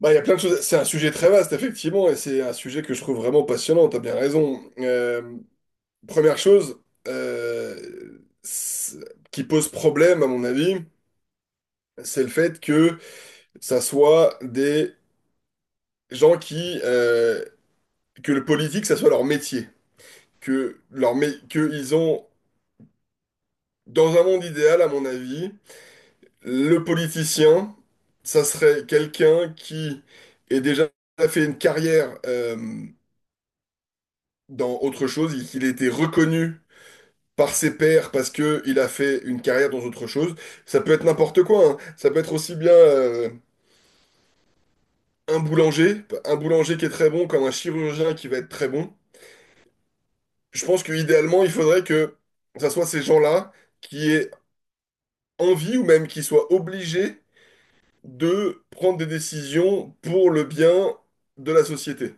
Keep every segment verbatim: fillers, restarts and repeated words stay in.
Bah, il y a plein de choses. C'est un sujet très vaste, effectivement, et c'est un sujet que je trouve vraiment passionnant. T'as bien raison. Euh, première chose euh, c'est- qui pose problème, à mon avis, c'est le fait que ça soit des gens qui, euh, que le politique, ça soit leur métier, que leur mé- que ils ont dans un monde idéal, à mon avis, le politicien, ça serait quelqu'un qui est déjà fait une carrière. Euh, dans autre chose, il qu'il a été reconnu par ses pairs parce que il a fait une carrière dans autre chose. Ça peut être n'importe quoi, hein. Ça peut être aussi bien euh, un boulanger, un boulanger qui est très bon, comme un chirurgien qui va être très bon. Je pense que idéalement, il faudrait que ça soit ces gens-là qui aient envie ou même qui soient obligés de prendre des décisions pour le bien de la société.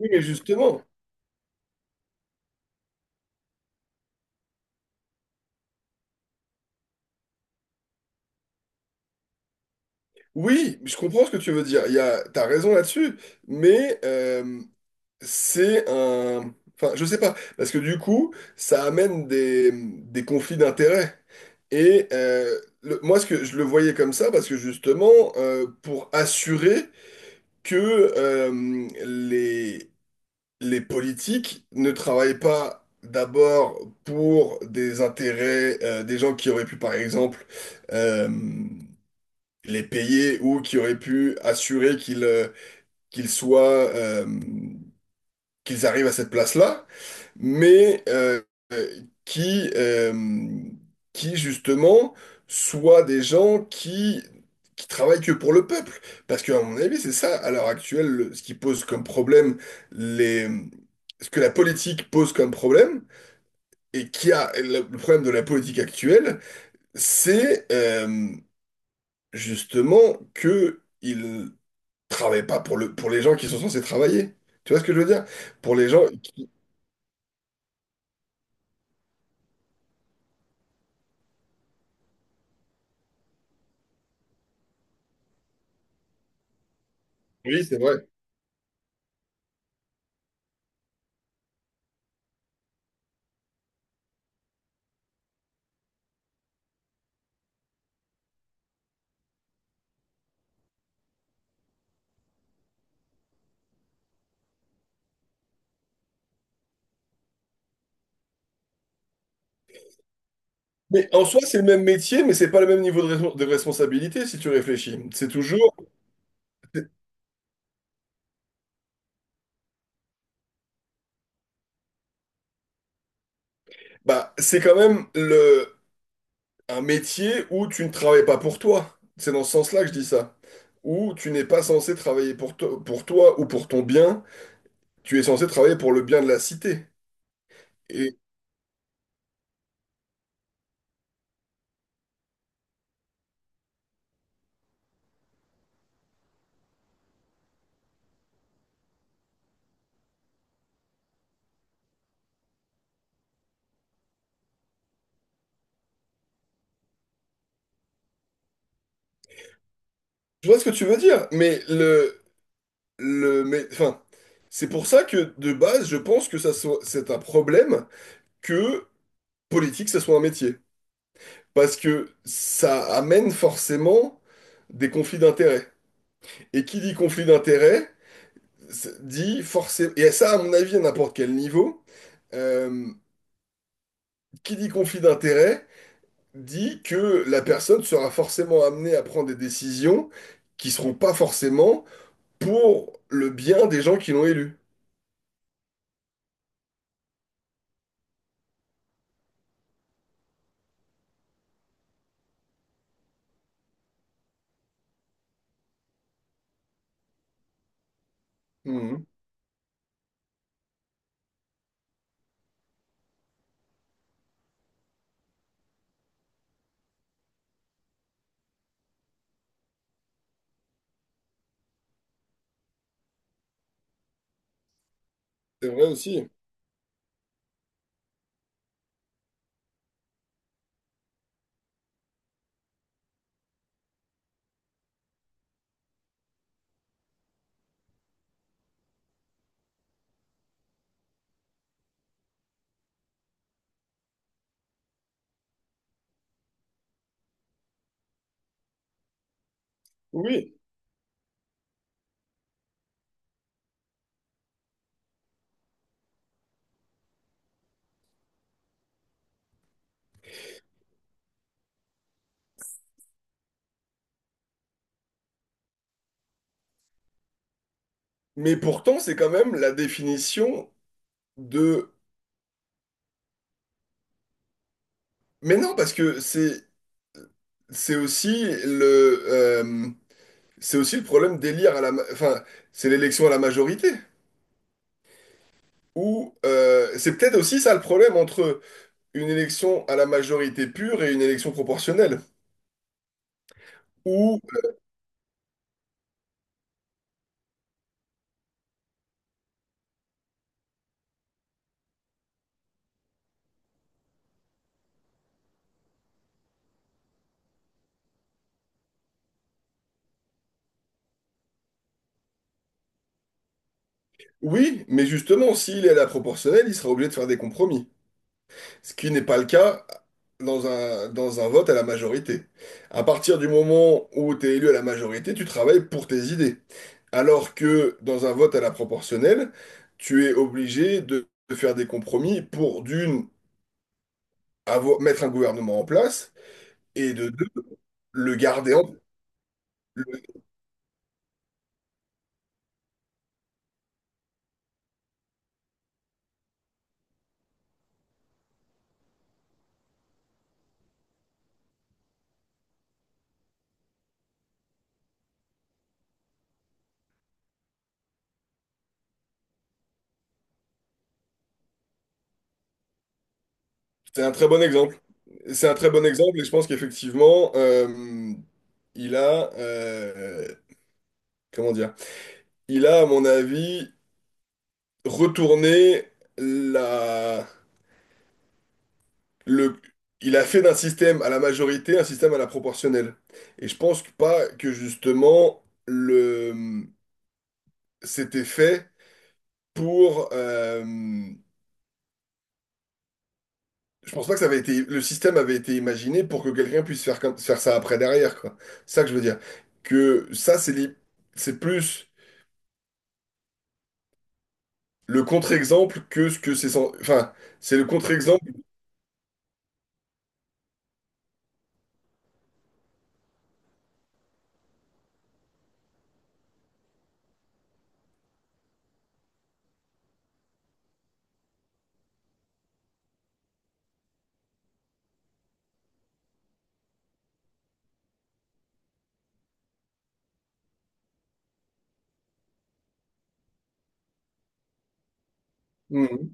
Oui, mais justement. Oui, je comprends ce que tu veux dire. Il y a, t'as raison là-dessus, mais euh, c'est un... Enfin, je sais pas, parce que du coup, ça amène des, des conflits d'intérêts. Et euh, le- moi, ce que je le voyais comme ça, parce que justement, euh, pour assurer que euh, les, les politiques ne travaillent pas d'abord pour des intérêts euh, des gens qui auraient pu, par exemple, euh, les payer ou qui auraient pu assurer qu'ils euh, qu'ils soient, euh, qu'ils arrivent à cette place-là mais euh, qui, euh, qui justement soient des gens qui, qui travaillent que pour le peuple. Parce qu'à mon avis, c'est ça, à l'heure actuelle, le- ce qui pose comme problème les... ce que la politique pose comme problème, et qui a le le problème de la politique actuelle, c'est euh, justement que ils travaillent pas pour le, pour les gens qui sont censés travailler. Tu vois ce que je veux dire? Pour les gens qui... Oui, c'est vrai. Mais en soi, c'est le même métier, mais c'est pas le même niveau de, respons- de responsabilité si tu réfléchis. C'est toujours, c'est- bah, c'est quand même le, un métier où tu ne travailles pas pour toi. C'est dans ce sens-là que je dis ça. Où tu n'es pas censé travailler pour, to- pour toi ou pour ton bien. Tu es censé travailler pour le bien de la cité. Et je vois ce que tu veux dire, mais le, le, mais, enfin, c'est pour ça que de base, je pense que ça soit, c'est un problème que politique, ça soit un métier. Parce que ça amène forcément des conflits d'intérêts. Et qui dit conflit d'intérêts, c'est- dit forcément... Et ça, à mon avis, à n'importe quel niveau, euh, qui dit conflit d'intérêts, dit que la personne sera forcément amenée à prendre des décisions qui seront pas forcément pour le bien des gens qui l'ont élu. Mhm. C'est vrai aussi. Oui. Mais pourtant, c'est quand même la définition de... Mais non, parce que c'est c'est aussi le... euh, c'est aussi le problème d'élire à la... ma- Enfin, c'est l'élection à la majorité. Ou euh, c'est peut-être aussi ça le problème entre une élection à la majorité pure et une élection proportionnelle. Ou oui, mais justement, s'il est à la proportionnelle, il sera obligé de faire des compromis. Ce qui n'est pas le cas dans un, dans un vote à la majorité. À partir du moment où tu es élu à la majorité, tu travailles pour tes idées. Alors que dans un vote à la proportionnelle, tu es obligé de de faire des compromis pour d'une avoir- mettre un gouvernement en place, et de deux, le garder en... le- C'est un très bon exemple. C'est un très bon exemple, et je pense qu'effectivement, euh, il a... euh, comment dire? Il a, à mon avis, retourné la... le... Il a fait d'un système à la majorité un système à la proportionnelle. Et je pense que pas que justement, le... c'était fait pour... euh, je pense pas que ça avait été, le système avait été imaginé pour que quelqu'un puisse faire comme, faire ça après derrière, quoi. C'est ça que je veux dire. Que ça, c'est li- c'est plus le contre-exemple que ce que c'est, sans- enfin, c'est le contre-exemple. Mhm.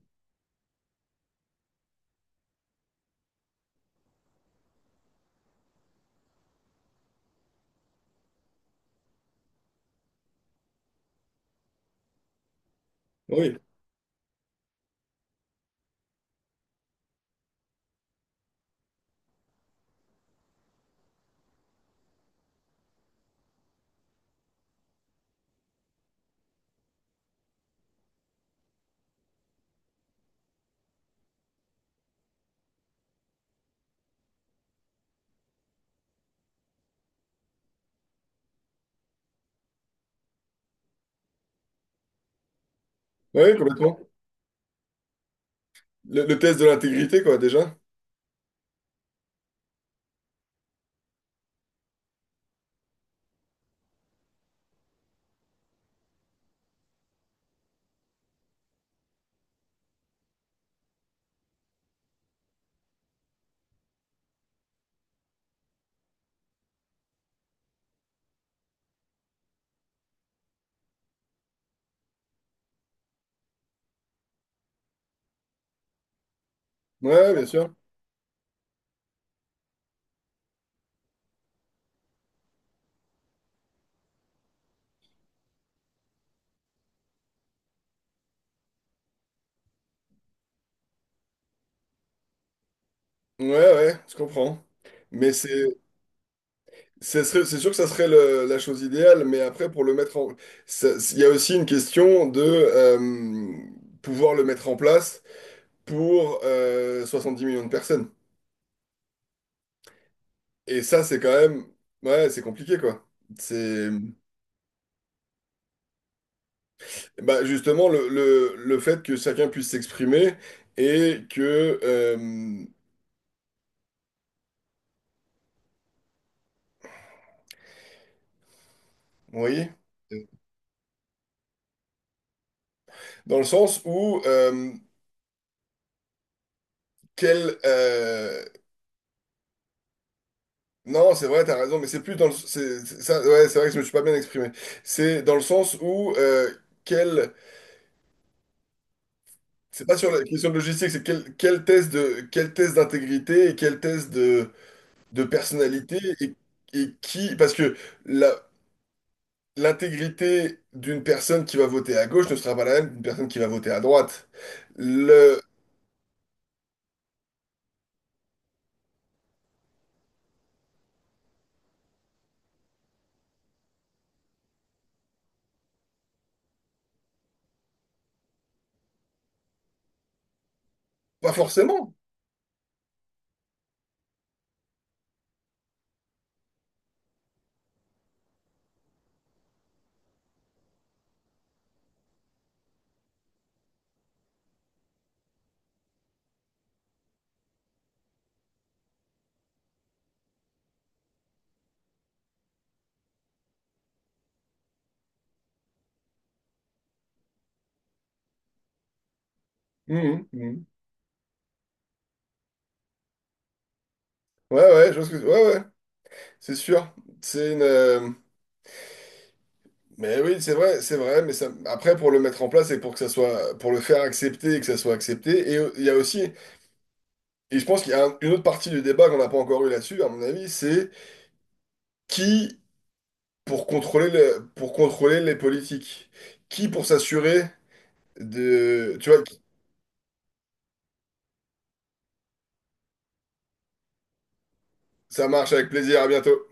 Oui, oui, complètement. Le, le test de l'intégrité, quoi, déjà. Ouais, bien sûr. Ouais, ouais, je comprends. Mais c'est, c'est serait- c'est sûr que ça serait le- la chose idéale, mais après, pour le mettre en, ça- il y a aussi une question de euh, pouvoir le mettre en place. Pour euh, dix millions de personnes. Et ça, c'est quand même... Ouais, c'est compliqué, quoi. C'est... Bah, justement, le, le, le fait que chacun puisse s'exprimer et que... euh, vous voyez? Dans le sens où... euh, quel... euh, non, c'est vrai, t'as raison, mais c'est plus dans le... C'est, c'est- ça, ouais, c'est vrai que je me suis pas bien exprimé. C'est dans le sens où... euh, quel... C'est pas sur la question de logistique, c'est quel, quel test de, quel test d'intégrité et quel test de... de personnalité et, et qui... Parce que la- l'intégrité d'une personne qui va voter à gauche ne sera pas la même qu'une personne qui va voter à droite. Le... Pas forcément. Mhm, mhm. Ouais, ouais, je pense que... Ouais, ouais, c'est sûr. C'est une... euh, mais oui, c'est vrai, c'est vrai, mais ça... après, pour le mettre en place et pour que ça soit... pour le faire accepter et que ça soit accepté, et euh, il y a aussi... Et je pense qu'il y a un- une autre partie du débat qu'on n'a pas encore eu là-dessus, à mon avis, c'est qui pour contrôler le, pour contrôler les politiques. Qui pour s'assurer de... Tu vois, ça marche avec plaisir, à bientôt.